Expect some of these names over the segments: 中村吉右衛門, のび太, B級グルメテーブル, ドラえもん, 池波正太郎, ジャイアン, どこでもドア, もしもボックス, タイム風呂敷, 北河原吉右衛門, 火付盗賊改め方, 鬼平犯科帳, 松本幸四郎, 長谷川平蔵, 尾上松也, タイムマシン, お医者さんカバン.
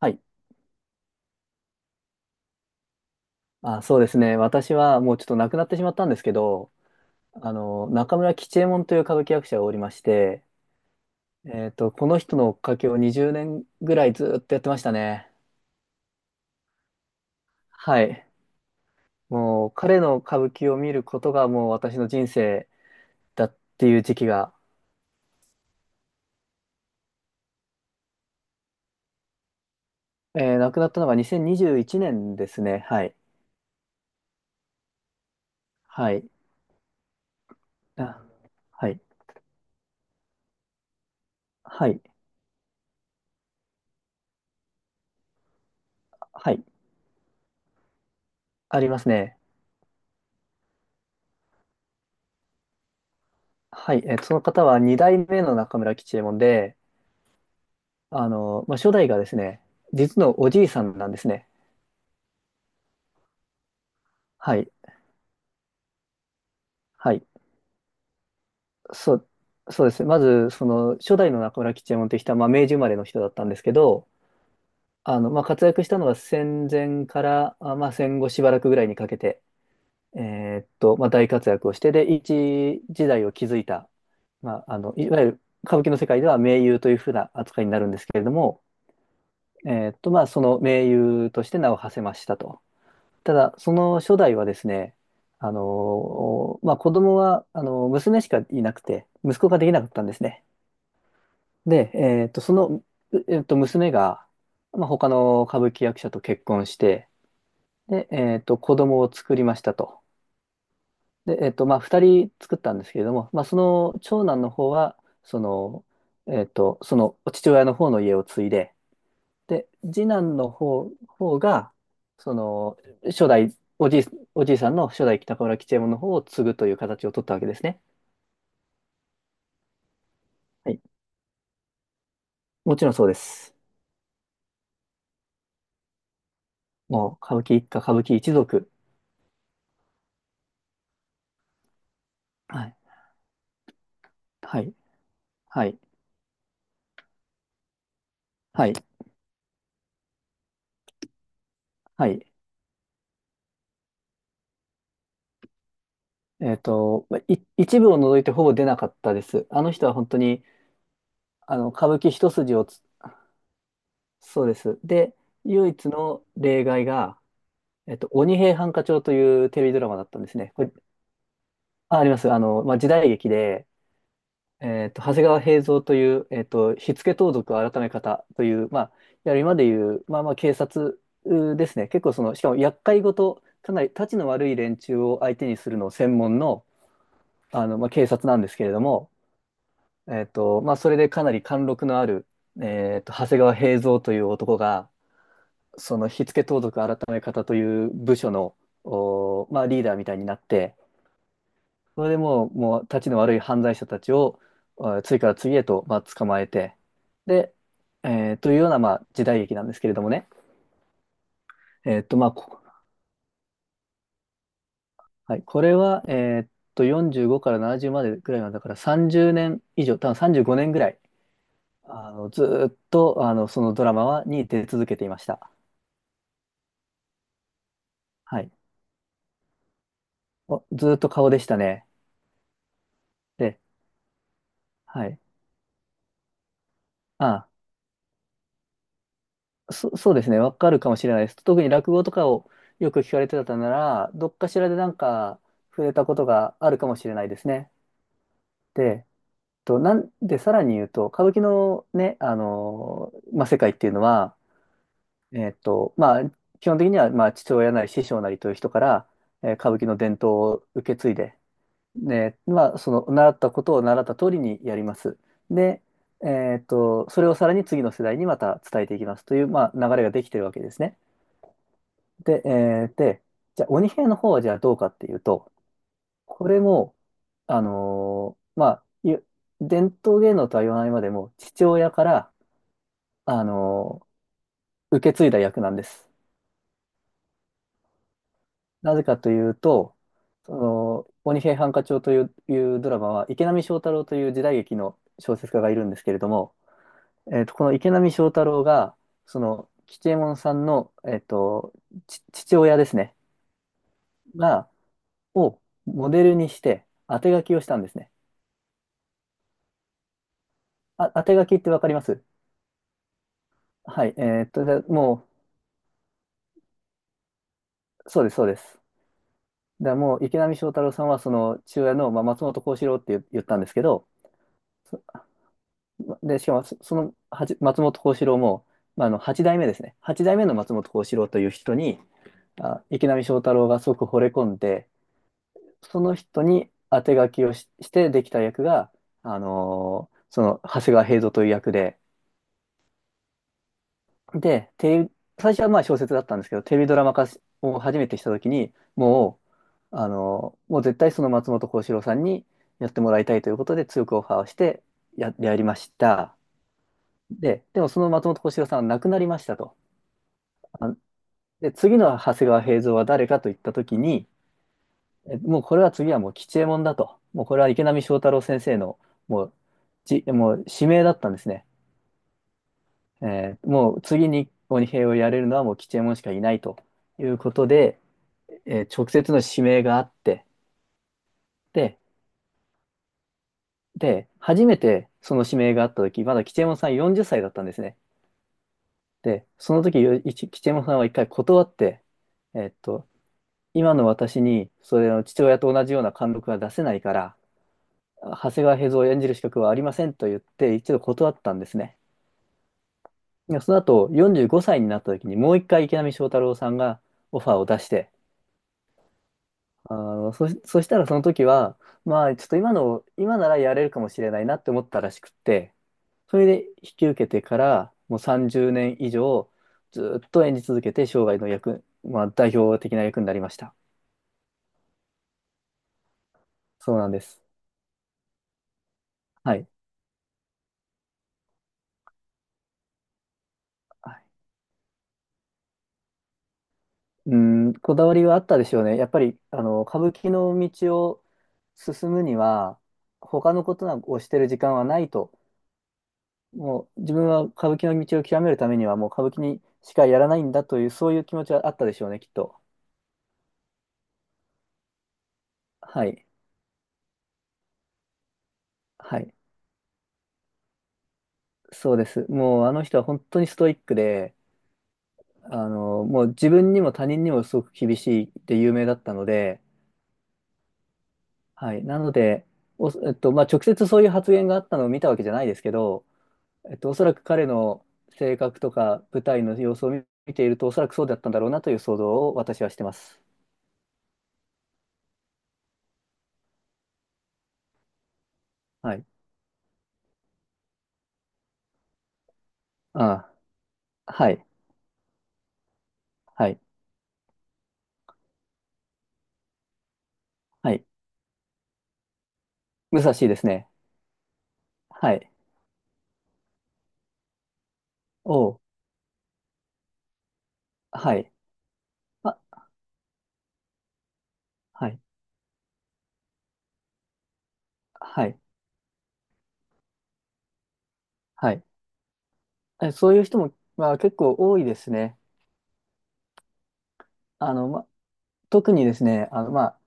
はい。そうですね。私はもうちょっと亡くなってしまったんですけど、中村吉右衛門という歌舞伎役者がおりまして、この人の追っかけを20年ぐらいずっとやってましたね。はい。もう彼の歌舞伎を見ることがもう私の人生だっていう時期が、亡くなったのが2021年ですね。はい。はい。あ、はい。はい。はい。ありますね。はい。その方は二代目の中村吉右衛門で、初代がですね、実のおじいさんなんですね。はい。はい。そう、そうです。まず、初代の中村吉右衛門という人は、明治生まれの人だったんですけど、活躍したのは戦前から、戦後しばらくぐらいにかけて、え大活躍をして、で、一時代を築いた、いわゆる歌舞伎の世界では名優というふうな扱いになるんですけれども、その名優として名を馳せましたと。ただ、その初代はですね、子供は、娘しかいなくて、息子ができなかったんですね。で、えーっと、その、うえーっと、娘が、他の歌舞伎役者と結婚して、で、えーっと、子供を作りましたと。で、えーっと、まあ、二人作ったんですけれども、その長男の方は、その、その父親の方の家を継いで、で、次男の方が、その、初代、おじい、おじいさんの初代北河原吉右衛門の方を継ぐという形を取ったわけですね。はい。もちろんそうです。もう、歌舞伎一家、歌舞伎一族。はい。はい。はい。はい。はい。えっと、まい、一部を除いてほぼ出なかったです。あの人は本当に、歌舞伎一筋をつ、そうです。で、唯一の例外が、鬼平犯科帳というテレビドラマだったんですね。これあ、あります。時代劇で、長谷川平蔵という、火付盗賊改め方という、いわゆる今でいう、警察ですね。結構その、しかも厄介ごと、かなりたちの悪い連中を相手にするのを専門の、警察なんですけれども、それでかなり貫禄のある、長谷川平蔵という男が、その火付盗賊改め方という部署の、おーまあ、リーダーみたいになって、それでもう、もう、たちの悪い犯罪者たちを、次から次へと、捕まえて、で、というような、時代劇なんですけれどもね。えーっと、まあ、こ、はい、これは、45から70までぐらいなんだから、30年以上、多分35年ぐらい、ずーっと、そのドラマに出続けていました。はい。ずーっと顔でしたね。で、はい。あそうですね、わかるかもしれないです。特に落語とかをよく聞かれてたなら、どっかしらでなんか触れたことがあるかもしれないですね。で、と、なんで、さらに言うと、歌舞伎のね、世界っていうのは、えっと、まあ、基本的には、父親なり師匠なりという人から、歌舞伎の伝統を受け継いで、習ったことを習った通りにやります。で、それをさらに次の世代にまた伝えていきますという、流れができてるわけですね。で、えーで、じゃあ、鬼平の方はじゃあどうかっていうと、これも、あのーまあ、ゆ伝統芸能とは言わないまでも、父親から、あのー受け継いだ役なんです。なぜかというと、鬼平犯科帳という、ドラマは、池波正太郎という時代劇の小説家がいるんですけれども、この池波正太郎が、吉右衛門さんの、父親ですね、が、をモデルにして、当て書きをしたんですね。あ、当て書きってわかりますはい。えーっと、じゃあもう、そうです、そうです。で、もう池波正太郎さんは、その父親の、松本幸四郎って言ったんですけど、しかもその松本幸四郎も、8代目ですね。8代目の松本幸四郎という人に、池波正太郎がすごく惚れ込んで、その人に当て書きをしてできた役が、その長谷川平蔵という役で、で、テレビ、最初はまあ小説だったんですけど、テレビドラマ化しを初めてしたときに、もう絶対その松本幸四郎さんにやってもらいたいということで強くオファーをしてやりました。で、でもその松本幸四郎さんは亡くなりましたと。あで、次の長谷川平蔵は誰かといったときに、もうこれは次はもう吉右衛門だと。もうこれは池波正太郎先生のもう、もう指名だったんですね。もう次に鬼平をやれるのはもう吉右衛門しかいないということで、直接の指名があって、で、初めてその指名があった時、まだ吉右衛門さん40歳だったんですね。で、その時、よいち吉右衛門さんは一回断って、えーっと、今の私に、それの父親と同じような貫禄は出せないから、長谷川平蔵を演じる資格はありませんと言って、一度断ったんですね。でその後、45歳になった時に、もう一回池波正太郎さんがオファーを出して、そしたらその時は、ちょっと今ならやれるかもしれないなって思ったらしくって、それで引き受けてから、もう30年以上、ずっと演じ続けて、生涯の役、代表的な役になりました。そうなんです。はい。はい。うん、こだわりはあったでしょうね。やっぱり、歌舞伎の道を進むには、他のことをしてる時間はないと。もう、自分は歌舞伎の道を極めるためには、もう歌舞伎にしかやらないんだという、そういう気持ちはあったでしょうね、きっと。はい。はい。そうです。もう、あの人は本当にストイックで、もう自分にも他人にもすごく厳しいって有名だったので、はい。なので、お、えっと、まあ、直接そういう発言があったのを見たわけじゃないですけど、おそらく彼の性格とか舞台の様子を見ていると、おそらくそうだったんだろうなという想像を私はしてます。はい。ああ、はい。はい。はい。武蔵ですね。はい。おう。はい。あ、はい。はい。はい。そういう人も、結構多いですね。あの、ま、特にですね、あの、まあ、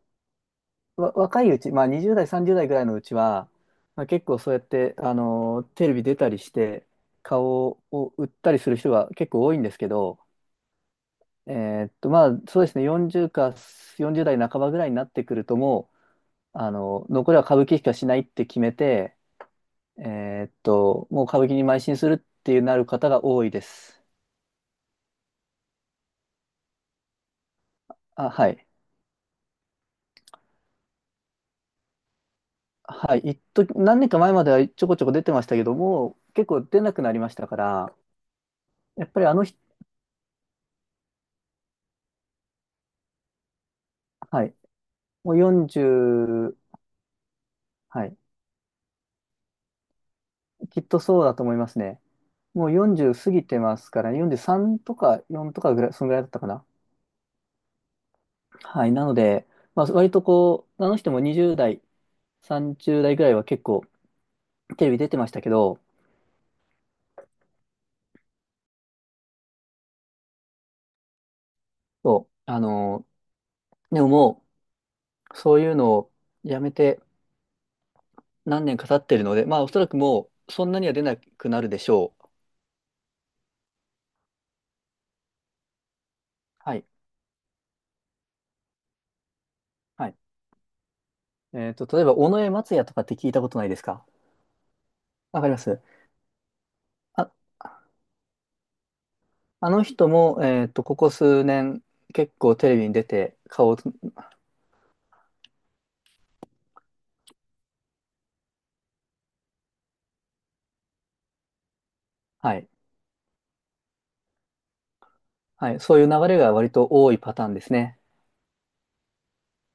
わ、若いうち、まあ20代、30代ぐらいのうちは、結構そうやって、テレビ出たりして、顔を売ったりする人が結構多いんですけど、えまあそうですね、40代半ばぐらいになってくると、あの残りは歌舞伎しかしないって決めて、えもう歌舞伎に邁進するっていうなる方が多いです。あ、はい。はい。一時、何年か前まではちょこちょこ出てましたけども、結構出なくなりましたから、やっぱりあの人、はい。もう40、はい。きっとそうだと思いますね。もう40過ぎてますから、43とか4とかぐらい、そのぐらいだったかな。はい。なので、まあ、割とこう、あの人も20代、30代ぐらいは結構テレビ出てましたけど、そう、あのーでも、そういうのをやめて何年か経ってるので、おそらくもう、そんなには出なくなるでしょう。はい。はい。例えば、尾上松也とかって聞いたことないですか？わかります。ああの人も、ここ数年、結構テレビに出て、顔をつ、はい、はい、そういう流れが割と多いパターンですね。